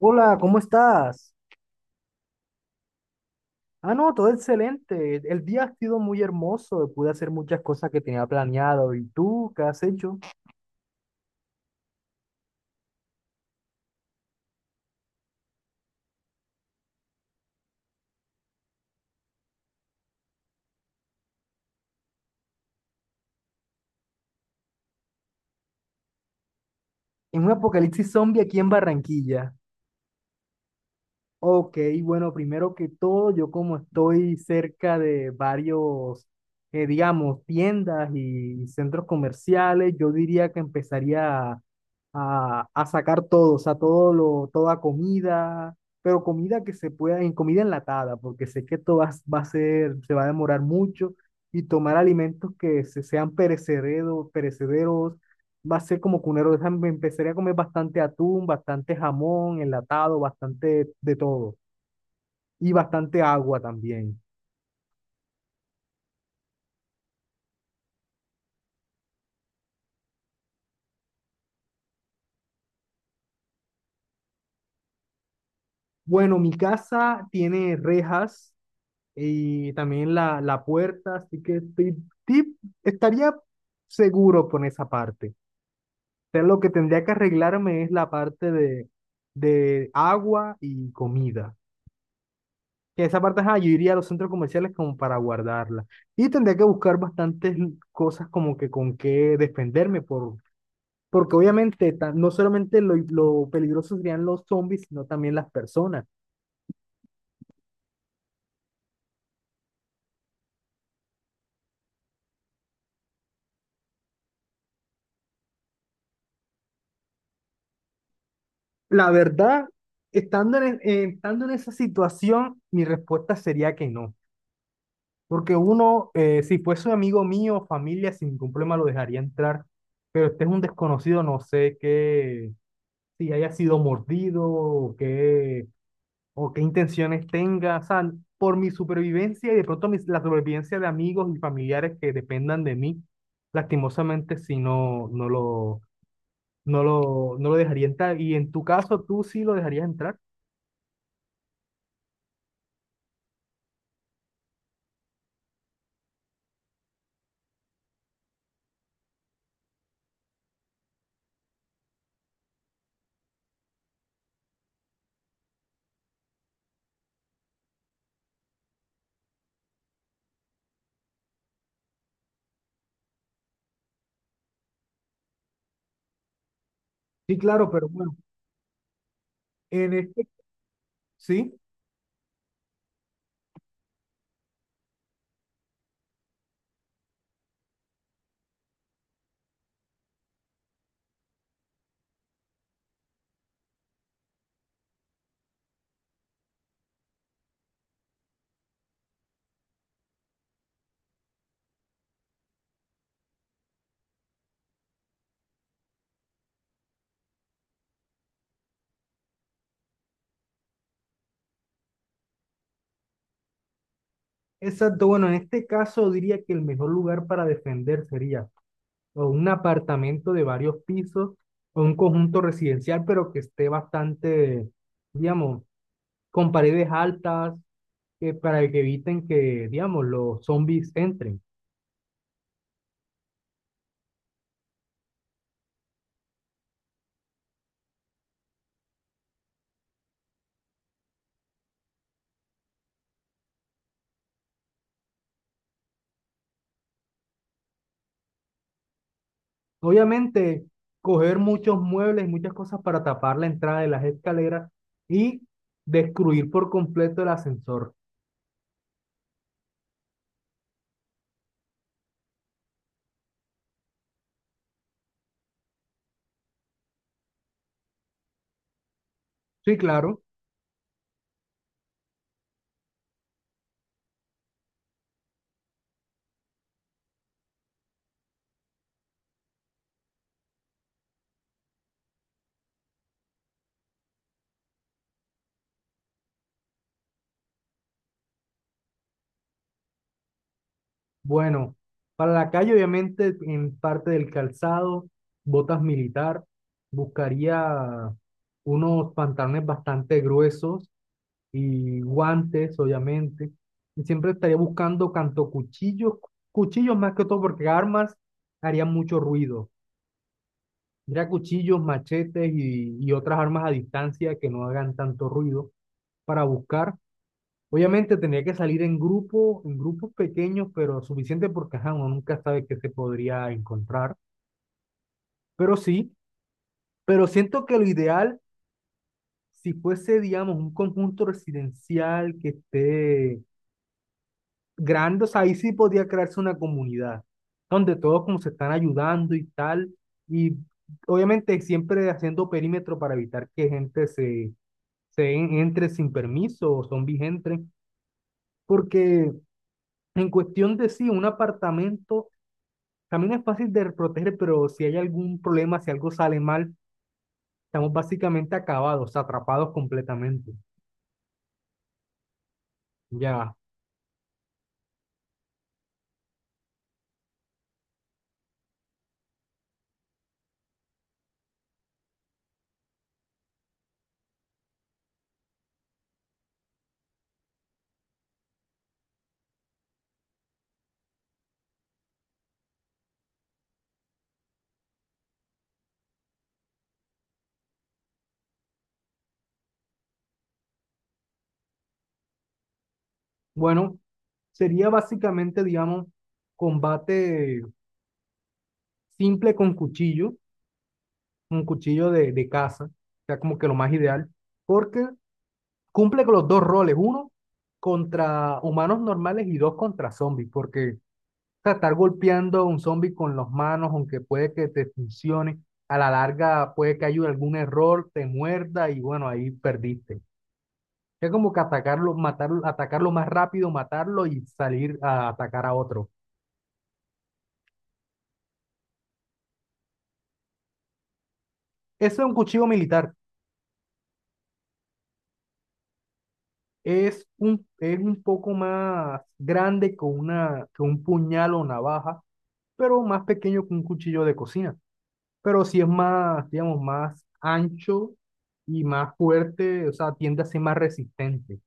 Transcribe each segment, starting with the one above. Hola, ¿cómo estás? Ah, no, todo excelente. El día ha sido muy hermoso. Pude hacer muchas cosas que tenía planeado. ¿Y tú qué has hecho? En un apocalipsis zombie aquí en Barranquilla. Ok, bueno, primero que todo, yo como estoy cerca de varios, digamos, tiendas y centros comerciales, yo diría que empezaría a, sacar todo, o sea, toda comida, pero comida que se pueda, en comida enlatada, porque sé que esto va a ser, se va a demorar mucho, y tomar alimentos que sean perecederos, perecederos va a ser como cunero de me empezaría a comer bastante atún, bastante jamón, enlatado, bastante de todo. Y bastante agua también. Bueno, mi casa tiene rejas y también la puerta, así que ti- estaría seguro con esa parte. Pero lo que tendría que arreglarme es la parte de agua y comida. Que esa parte, ajá, yo iría a los centros comerciales como para guardarla. Y tendría que buscar bastantes cosas como que con qué defenderme, porque obviamente no solamente lo peligroso serían los zombies, sino también las personas. La verdad, estando en esa situación, mi respuesta sería que no. Porque uno, si fuese un amigo mío o familia, sin ningún problema lo dejaría entrar. Pero este es un desconocido, no sé qué, si haya sido mordido o qué intenciones tenga, o sea, por mi supervivencia y de pronto la supervivencia de amigos y familiares que dependan de mí, lastimosamente si no, no lo dejaría entrar. ¿Y en tu caso, tú sí lo dejarías entrar? Sí, claro, pero bueno, en este, ¿sí? Exacto, bueno, en este caso diría que el mejor lugar para defender sería o un apartamento de varios pisos o un conjunto residencial, pero que esté bastante, digamos, con paredes altas, que para que eviten que, digamos, los zombies entren. Obviamente, coger muchos muebles y muchas cosas para tapar la entrada de las escaleras y destruir por completo el ascensor. Sí, claro. Bueno, para la calle, obviamente, en parte del calzado, botas militar, buscaría unos pantalones bastante gruesos y guantes, obviamente. Y siempre estaría buscando tanto cuchillos, cuchillos más que todo, porque armas harían mucho ruido. Mira, cuchillos, machetes y otras armas a distancia que no hagan tanto ruido para buscar. Obviamente tendría que salir en grupo, en grupos pequeños, pero suficiente porque ajá, uno nunca sabe qué se podría encontrar. Pero sí, pero siento que lo ideal, si fuese, digamos, un conjunto residencial que esté grande, o sea, ahí sí podía crearse una comunidad donde todos como se están ayudando y tal, y obviamente siempre haciendo perímetro para evitar que gente se, se en- entre sin permiso o zombies entren, porque en cuestión de sí, un apartamento también es fácil de proteger, pero si hay algún problema, si algo sale mal, estamos básicamente acabados, atrapados completamente. Ya, bueno, sería básicamente, digamos, combate simple con cuchillo, un cuchillo de caza, o sea, como que lo más ideal, porque cumple con los dos roles, uno contra humanos normales y dos contra zombies, porque o sea, estar golpeando a un zombie con las manos, aunque puede que te funcione, a la larga puede que haya algún error, te muerda y bueno, ahí perdiste. Es como que atacarlo, matarlo, atacarlo más rápido, matarlo y salir a atacar a otro. Eso es un cuchillo militar. Es un, es un poco más grande que, una, que un puñal o navaja, pero más pequeño que un cuchillo de cocina. Pero sí es más, digamos, más ancho y más fuerte, o sea, tiende a ser más resistente.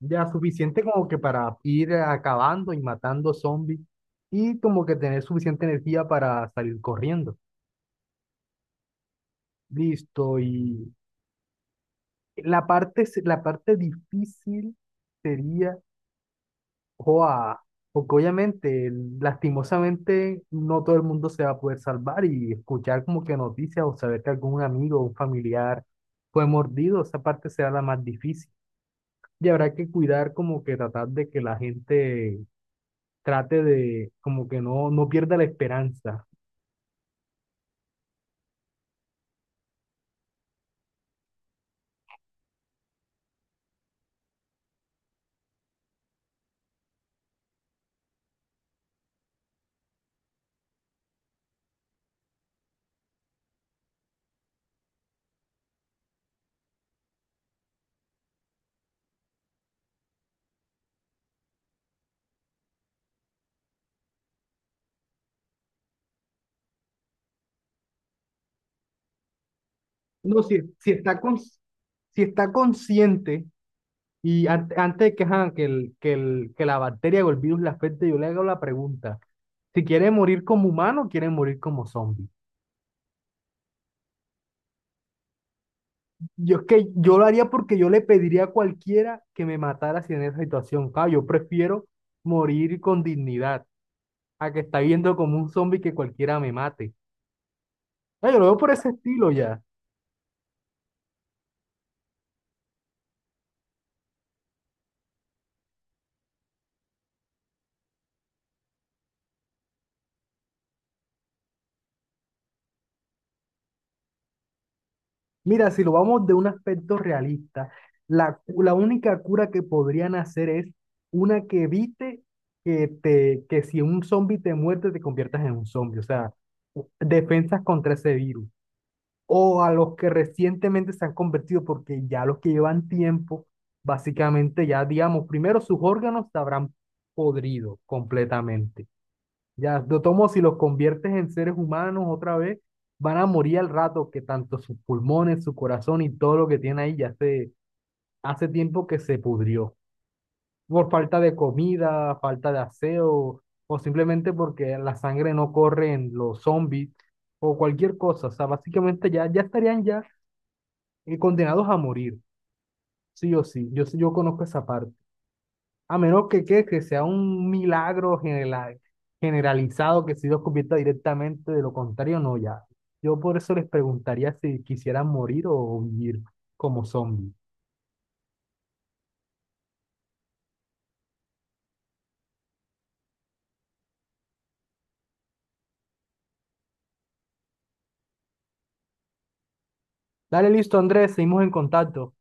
Ya suficiente como que para ir acabando y matando zombies y como que tener suficiente energía para salir corriendo. Listo, y la parte, la parte difícil sería Joa, porque obviamente, lastimosamente, no todo el mundo se va a poder salvar y escuchar como que noticias o saber que algún amigo o un familiar fue mordido, esa parte será la más difícil. Y habrá que cuidar como que tratar de que la gente trate de como que no, no pierda la esperanza. No, si está con, si está consciente y antes de que, ajá, que, el, que, el, que la bacteria o el virus le afecte, yo le hago la pregunta. Si quiere morir como humano, o quiere morir como zombie. Yo es que yo lo haría porque yo le pediría a cualquiera que me matara si en esa situación. Claro, yo prefiero morir con dignidad a que está viendo como un zombie que cualquiera me mate. Ah, yo lo veo por ese estilo ya. Mira, si lo vamos de un aspecto realista, la única cura que podrían hacer es una que evite que si un zombie te muerde te conviertas en un zombie. O sea, defensas contra ese virus, o a los que recientemente se han convertido, porque ya los que llevan tiempo, básicamente ya, digamos, primero sus órganos se habrán podrido completamente. Ya, de tomo, si los conviertes en seres humanos otra vez, van a morir al rato que tanto sus pulmones, su corazón y todo lo que tiene ahí ya se, hace tiempo que se pudrió. Por falta de comida, falta de aseo, o simplemente porque la sangre no corre en los zombies, o cualquier cosa. O sea, básicamente ya, ya estarían ya condenados a morir, sí o sí, yo, sí, yo conozco esa parte. A menos que, que sea un milagro generalizado, que si los convierta directamente, de lo contrario, no, ya. Yo por eso les preguntaría si quisieran morir o vivir como zombies. Dale, listo, Andrés, seguimos en contacto.